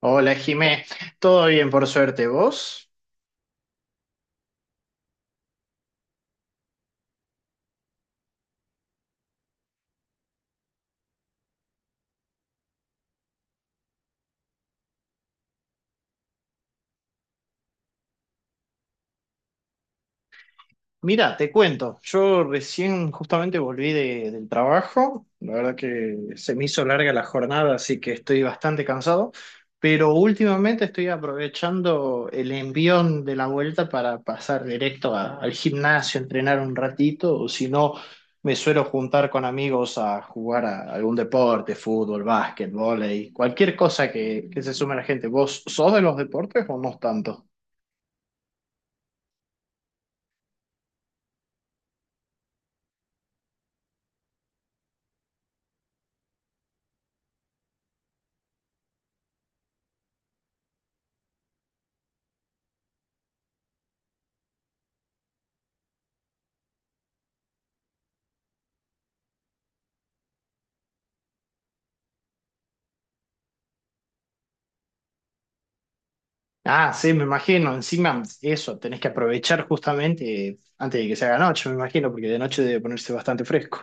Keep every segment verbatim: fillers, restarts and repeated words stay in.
Hola Jimé, todo bien por suerte. ¿Vos? Mira, te cuento, yo recién justamente volví de- del trabajo, la verdad que se me hizo larga la jornada, así que estoy bastante cansado, pero últimamente estoy aprovechando el envión de la vuelta para pasar directo a- al gimnasio, entrenar un ratito, o si no, me suelo juntar con amigos a jugar a algún deporte, fútbol, básquet, vóley, cualquier cosa que, que se sume a la gente. ¿Vos sos de los deportes o no tanto? Ah, sí, me imagino. Encima, eso, tenés que aprovechar justamente antes de que se haga noche, me imagino, porque de noche debe ponerse bastante fresco.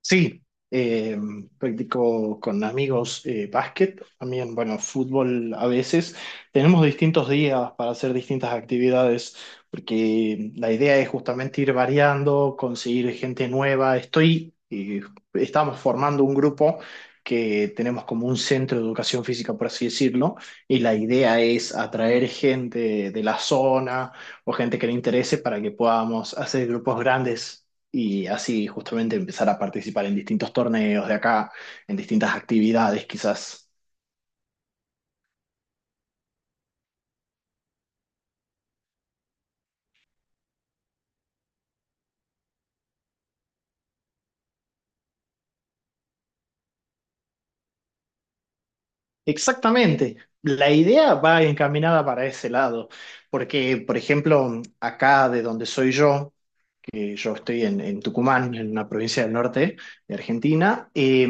Sí, eh, practico con amigos eh, básquet, también, bueno, fútbol a veces. Tenemos distintos días para hacer distintas actividades, porque la idea es justamente ir variando, conseguir gente nueva. Estoy, eh, estamos formando un grupo que tenemos como un centro de educación física, por así decirlo, y la idea es atraer gente de la zona o gente que le interese para que podamos hacer grupos grandes y así justamente empezar a participar en distintos torneos de acá, en distintas actividades quizás. Exactamente, la idea va encaminada para ese lado, porque por ejemplo, acá de donde soy yo, que yo estoy en, en Tucumán, en una provincia del norte de Argentina. Eh,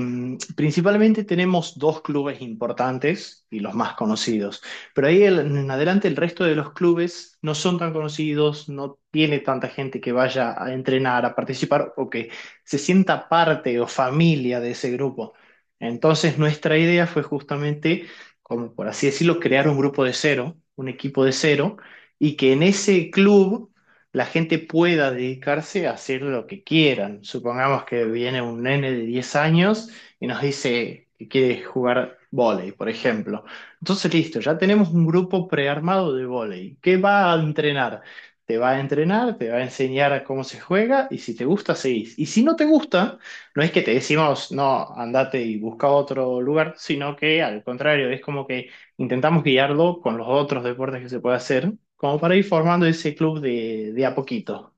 principalmente tenemos dos clubes importantes y los más conocidos, pero ahí el- en adelante el resto de los clubes no son tan conocidos, no tiene tanta gente que vaya a entrenar, a participar o que se sienta parte o familia de ese grupo. Entonces nuestra idea fue justamente, como por así decirlo, crear un grupo de cero, un equipo de cero, y que en ese club la gente pueda dedicarse a hacer lo que quieran. Supongamos que viene un nene de diez años y nos dice que quiere jugar vóley, por ejemplo. Entonces, listo, ya tenemos un grupo prearmado de vóley. ¿Qué va a entrenar? Te va a entrenar, te va a enseñar cómo se juega y si te gusta, seguís. Y si no te gusta, no es que te decimos, no, andate y busca otro lugar, sino que al contrario, es como que intentamos guiarlo con los otros deportes que se puede hacer, como para ir formando ese club de, de a poquito.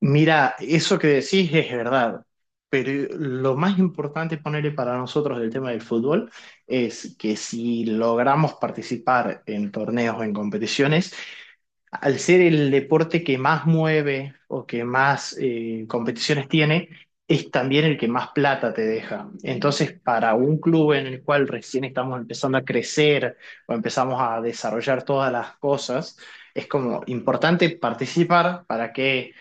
Mira, eso que decís es verdad, pero lo más importante ponerle para nosotros del tema del fútbol es que si logramos participar en torneos o en competiciones, al ser el deporte que más mueve o que más eh, competiciones tiene, es también el que más plata te deja. Entonces, para un club en el cual recién estamos empezando a crecer o empezamos a desarrollar todas las cosas, es como importante participar para que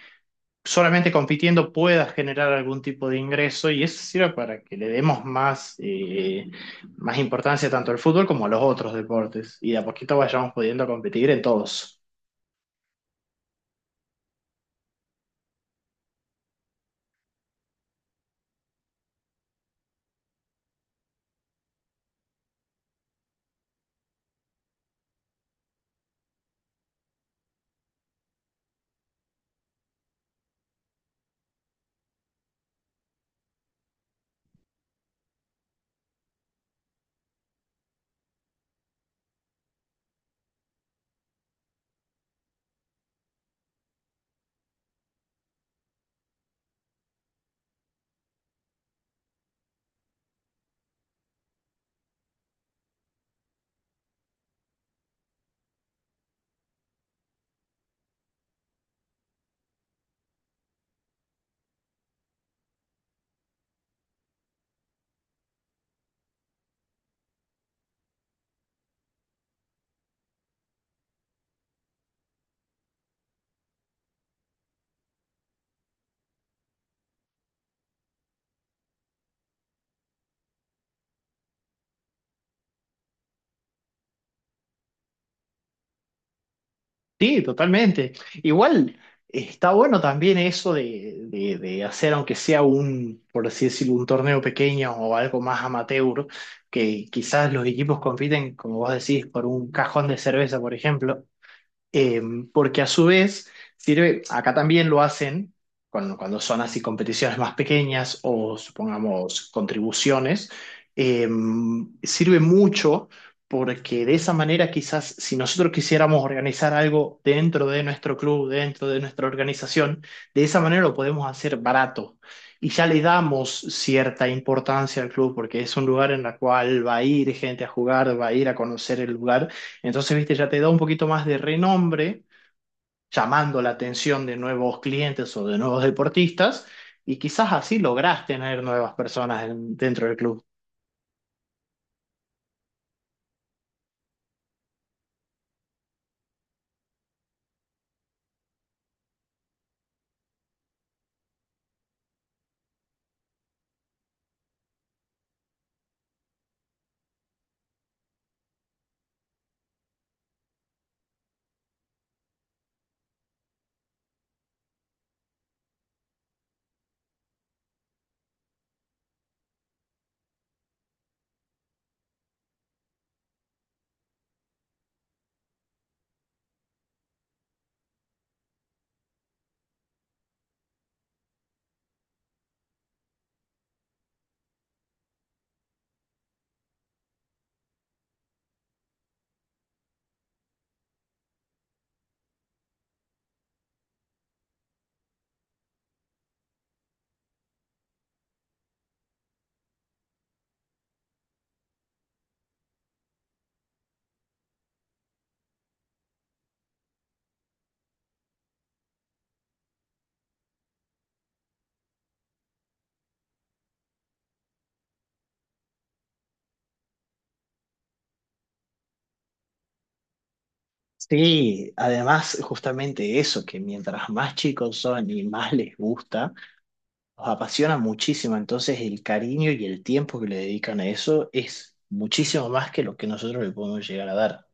solamente compitiendo puedas generar algún tipo de ingreso y eso sirve para que le demos más, eh, más importancia tanto al fútbol como a los otros deportes y de a poquito vayamos pudiendo competir en todos. Sí, totalmente. Igual está bueno también eso de, de- de hacer, aunque sea un, por así decirlo, un torneo pequeño o algo más amateur, que quizás los equipos compiten, como vos decís, por un cajón de cerveza, por ejemplo, eh, porque a su vez sirve, acá también lo hacen cuando, cuando son así competiciones más pequeñas o supongamos contribuciones, eh, sirve mucho porque de esa manera quizás si nosotros quisiéramos organizar algo dentro de nuestro club, dentro de nuestra organización, de esa manera lo podemos hacer barato. Y ya le damos cierta importancia al club porque es un lugar en el cual va a ir gente a jugar, va a ir a conocer el lugar. Entonces, viste, ya te da un poquito más de renombre, llamando la atención de nuevos clientes o de nuevos deportistas, y quizás así lográs tener nuevas personas en- dentro del club. Sí, además justamente eso, que mientras más chicos son y más les gusta, los apasiona muchísimo, entonces el cariño y el tiempo que le dedican a eso es muchísimo más que lo que nosotros le podemos llegar a dar.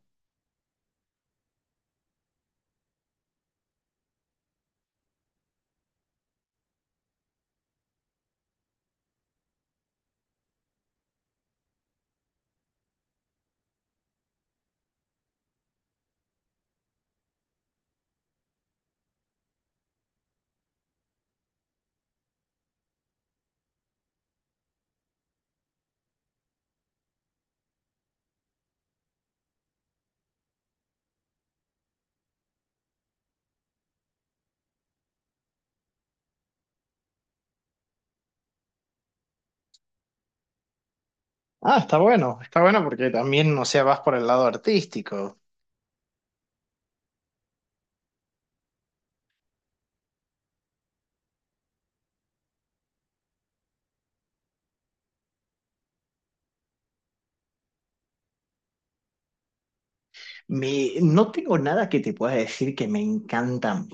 Ah, está bueno, está bueno porque también, o sea, vas por el lado artístico. Me, no tengo nada que te pueda decir que me encantan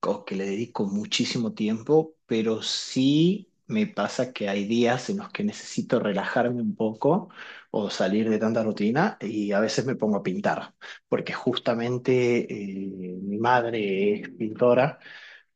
o que le dedico muchísimo tiempo, pero sí me pasa que hay días en los que necesito relajarme un poco o salir de tanta rutina y a veces me pongo a pintar, porque justamente eh, mi madre es pintora.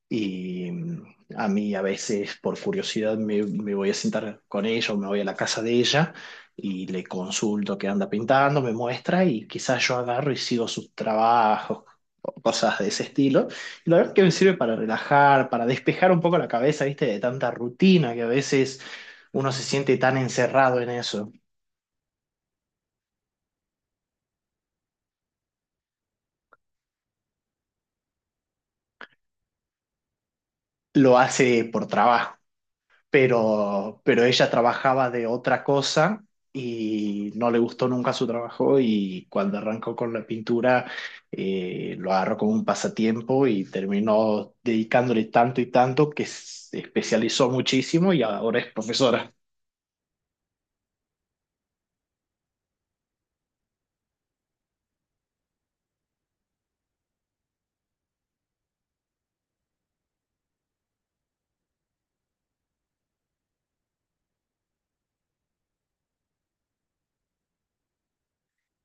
Y mm, a mí a veces por curiosidad me, me voy a sentar con ella o me voy a la casa de ella y le consulto qué anda pintando, me muestra y quizás yo agarro y sigo sus trabajos, o cosas de ese estilo. Y la verdad que me sirve para relajar, para despejar un poco la cabeza, viste, de tanta rutina que a veces uno se siente tan encerrado en eso. Lo hace por trabajo. pero, pero ella trabajaba de otra cosa y no le gustó nunca su trabajo y cuando arrancó con la pintura eh, lo agarró como un pasatiempo y terminó dedicándole tanto y tanto que se especializó muchísimo y ahora es profesora.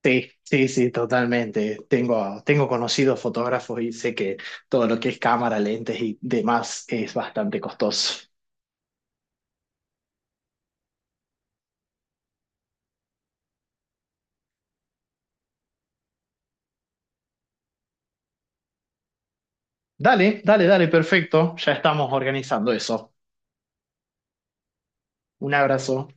Sí, sí, sí, totalmente. Tengo, tengo conocidos fotógrafos y sé que todo lo que es cámara, lentes y demás es bastante costoso. Dale, dale, dale, perfecto. Ya estamos organizando eso. Un abrazo.